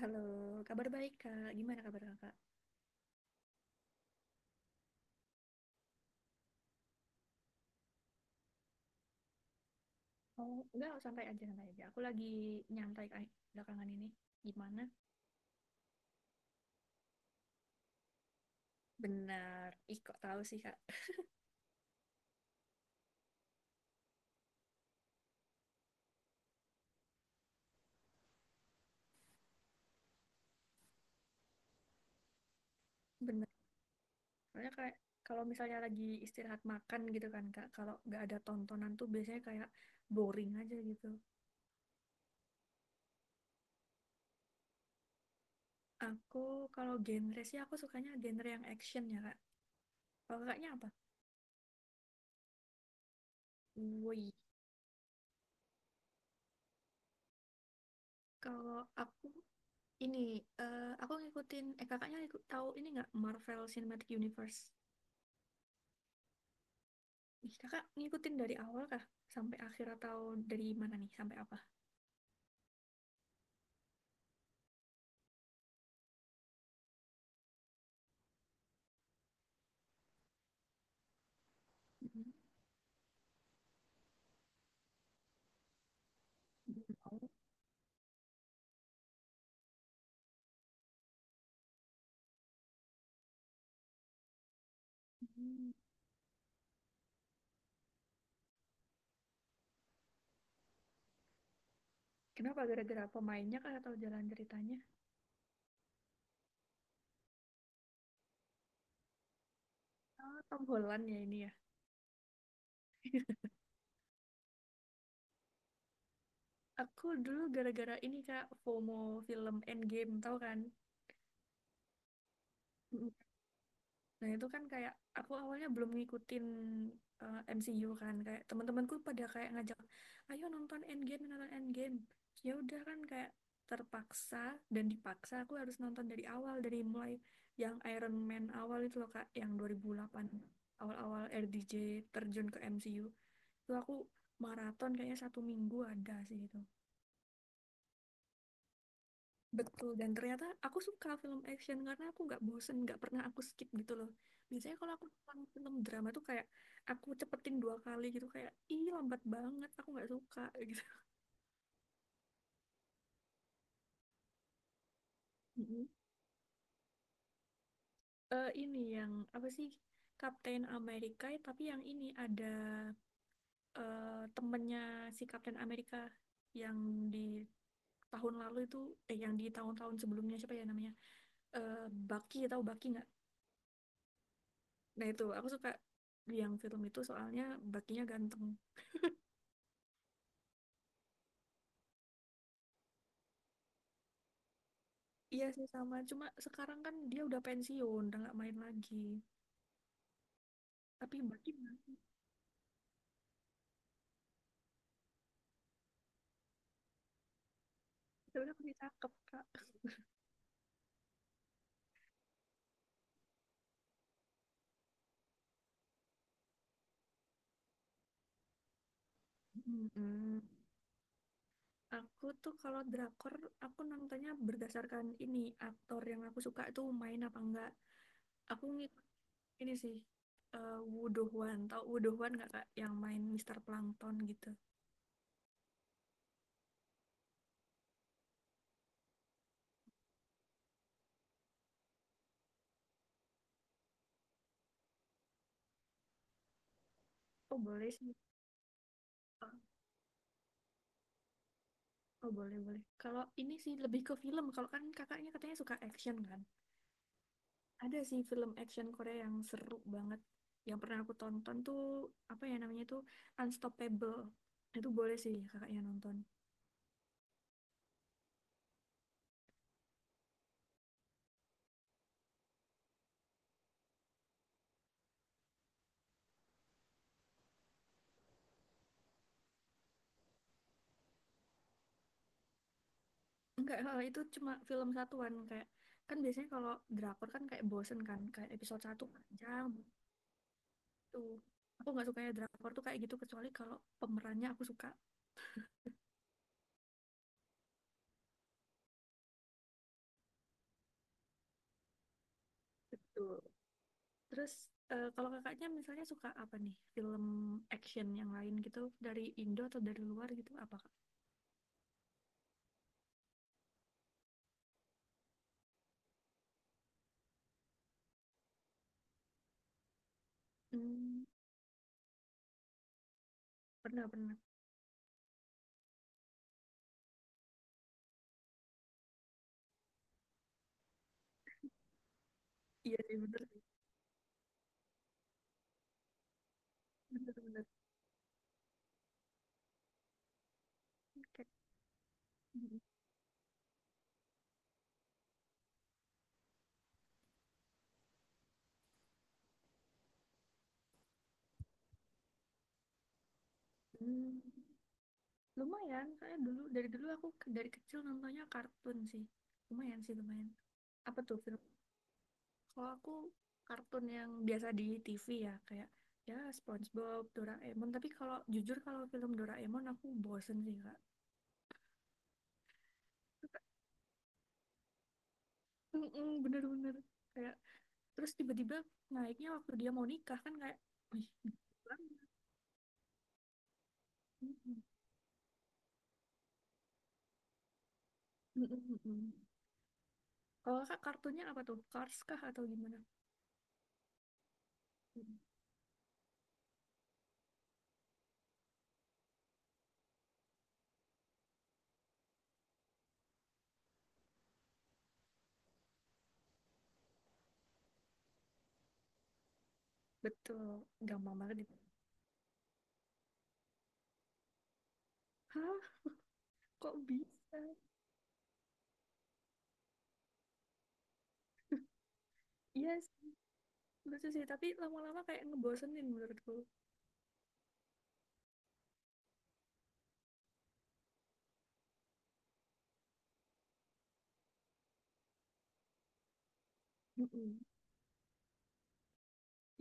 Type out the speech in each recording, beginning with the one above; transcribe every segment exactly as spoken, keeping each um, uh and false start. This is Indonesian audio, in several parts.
Halo, kabar baik Kak. Gimana kabar Kakak? Oh, enggak, santai aja, santai aja. Aku lagi nyantai kayak belakangan ini. Gimana? Benar. Ih, kok tahu sih Kak? Benar. Soalnya kayak kalau misalnya lagi istirahat makan gitu kan Kak, kalau nggak ada tontonan tuh biasanya kayak boring aja gitu. Aku kalau genre sih aku sukanya genre yang action ya Kak. Kalau kakaknya apa? Woi, kalau aku ini eh, aku ngikutin eh kakaknya ikut tahu ini nggak Marvel Cinematic Universe? Nih, kakak ngikutin dari awal kah? Sampai akhir atau dari mana nih? Sampai apa? Oh, hmm. Kenapa? Gara-gara pemainnya kah atau jalan ceritanya? Oh, Tom Holland ya ini ya. Aku dulu gara-gara ini kak, FOMO film Endgame, tau kan? Nah, itu kan kayak aku awalnya belum ngikutin eh, M C U kan kayak teman-temanku pada kayak ngajak, "Ayo nonton Endgame, nonton Endgame." Ya udah kan kayak terpaksa dan dipaksa aku harus nonton dari awal dari mulai yang Iron Man awal itu loh Kak, yang dua ribu delapan awal-awal R D J terjun ke M C U. Itu aku maraton kayaknya satu minggu ada sih itu. Betul, dan ternyata aku suka film action karena aku nggak bosen, nggak pernah aku skip gitu loh. Biasanya kalau aku nonton film drama tuh kayak aku cepetin dua kali gitu, kayak ih lambat banget, aku nggak suka gitu. Mhm. Eh, ini yang apa sih Captain America, ya, tapi yang ini ada eh, temennya si Captain America yang di tahun lalu itu, eh yang di tahun-tahun sebelumnya siapa ya namanya? Eh Bucky, tahu Bucky nggak? Nah itu aku suka yang film itu soalnya bucky ganteng. Iya sih sama, cuma sekarang kan dia udah pensiun, udah nggak main lagi. Tapi berarti masih- sebenarnya masih cakep, Kak. Mm-mm. Aku tuh kalau drakor, aku nontonnya berdasarkan ini, aktor yang aku suka itu main apa enggak. Aku ngikut ini sih, eh Woo Do Hwan. Tau Woo Do Hwan nggak, Kak? Yang main Mister Plankton gitu. Oh boleh sih. Oh, oh boleh, boleh. Kalau ini sih lebih ke film, kalau kan kakaknya katanya suka action kan? Ada sih film action Korea yang seru banget. Yang pernah aku tonton tuh apa ya namanya tuh Unstoppable. Itu boleh sih kakaknya nonton. Enggak, eh, itu cuma film satuan kayak kan biasanya kalau drakor kan kayak bosen kan kayak episode satu panjang gitu. Aku nggak suka ya drakor tuh kayak gitu kecuali kalau pemerannya aku suka. Betul. Terus eh, kalau kakaknya misalnya suka apa nih film action yang lain gitu dari Indo atau dari luar gitu apa kak? Hmm, pernah pernah. Iya sih bener. Bener-bener kayak hmm, lumayan karena dulu dari dulu aku ke- dari kecil nontonnya kartun sih lumayan sih lumayan apa tuh film kalau aku kartun yang biasa di T V ya kayak ya SpongeBob Doraemon tapi kalau jujur kalau film Doraemon aku bosen sih kak. Mm-mm, bener-bener kayak terus tiba-tiba naiknya waktu dia mau nikah kan kayak wih gila banget. Mm-mm. Mm-mm, kalau kak kartunya apa tuh Cars kah atau gimana. Betul, gampang banget itu. Hah, kok bisa? Yes, lucu sih, tapi lama-lama kayak ngebosenin menurutku. Mm-mm.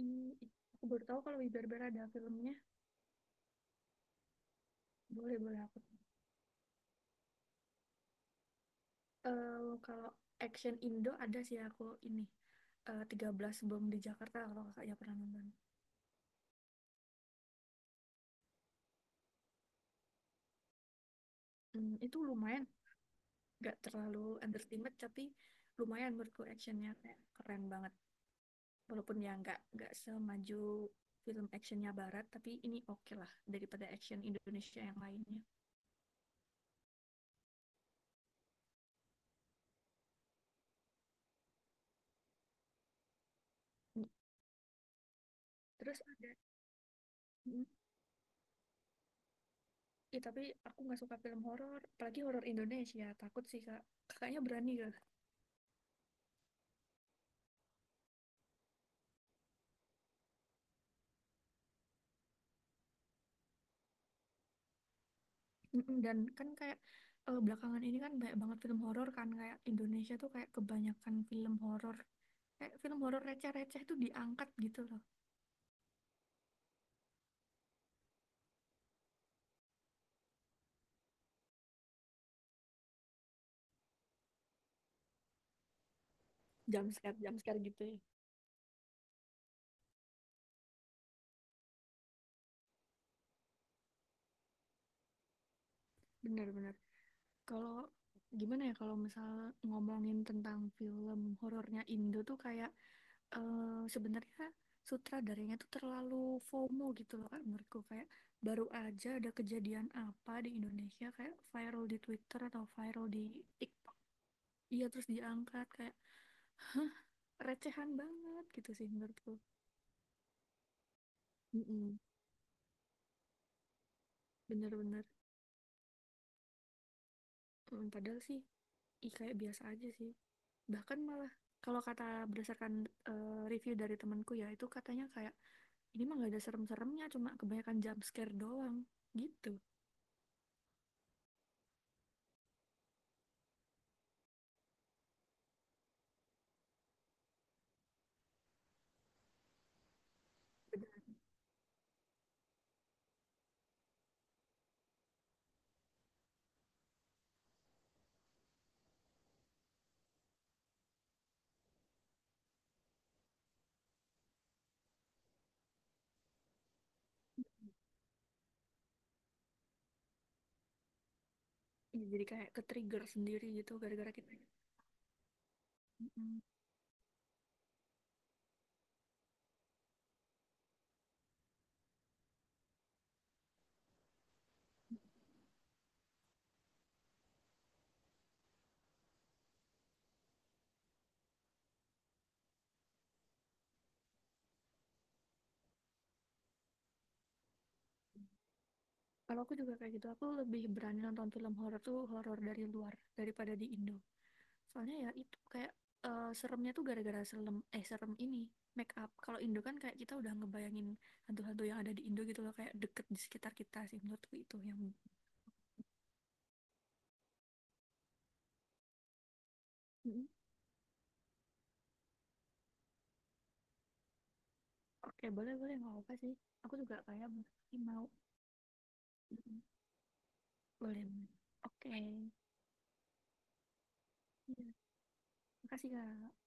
Ini aku baru tahu kalau Wibarbar ada filmnya. Boleh-boleh aku. Eh, kalau action Indo ada sih aku ini. eh, tiga belas Bom di Jakarta kalau kakaknya pernah nonton. Hmm, itu lumayan, gak terlalu entertainment tapi lumayan menurutku actionnya kayak keren banget. Walaupun ya nggak nggak semaju film actionnya barat tapi ini oke okay lah daripada action Indonesia yang lainnya. Terus ada mm, ya, tapi aku nggak suka film horor apalagi horor Indonesia takut sih kak kakaknya berani gak. Dan kan kayak eh, belakangan ini kan banyak banget film horor kan kayak Indonesia tuh kayak kebanyakan film horor kayak film horor receh-receh tuh diangkat gitu loh. Jump scare jump scare gitu ya. Bener-bener kalau gimana ya kalau misal ngomongin tentang film horornya Indo tuh kayak eh, sebenarnya sutradaranya tuh terlalu FOMO gitu loh kak menurutku kayak baru aja ada kejadian apa di Indonesia kayak viral di Twitter atau viral di TikTok. Iya terus diangkat kayak recehan banget gitu sih menurutku. Mm-mm, bener-bener. Mm, padahal sih ih, kayak biasa aja sih bahkan malah kalau kata berdasarkan eh, review dari temanku ya itu katanya kayak ini mah gak ada serem-seremnya cuma kebanyakan jump scare doang gitu. Iya, jadi kayak ke trigger sendiri gitu gara-gara kita. Mm-mm. Kalau aku juga kayak gitu aku lebih berani nonton film horor tuh horor dari luar daripada di Indo soalnya ya itu kayak eh, seremnya tuh gara-gara serem eh serem ini make up kalau Indo kan kayak kita udah ngebayangin hantu-hantu yang ada di Indo gitu loh kayak deket di sekitar kita sih menurutku itu yang. Mm-mm. Oke boleh boleh nggak apa sih aku juga kayak mau. Mm-mm. Boleh boleh. Oke. Iya. Makasih, Kak.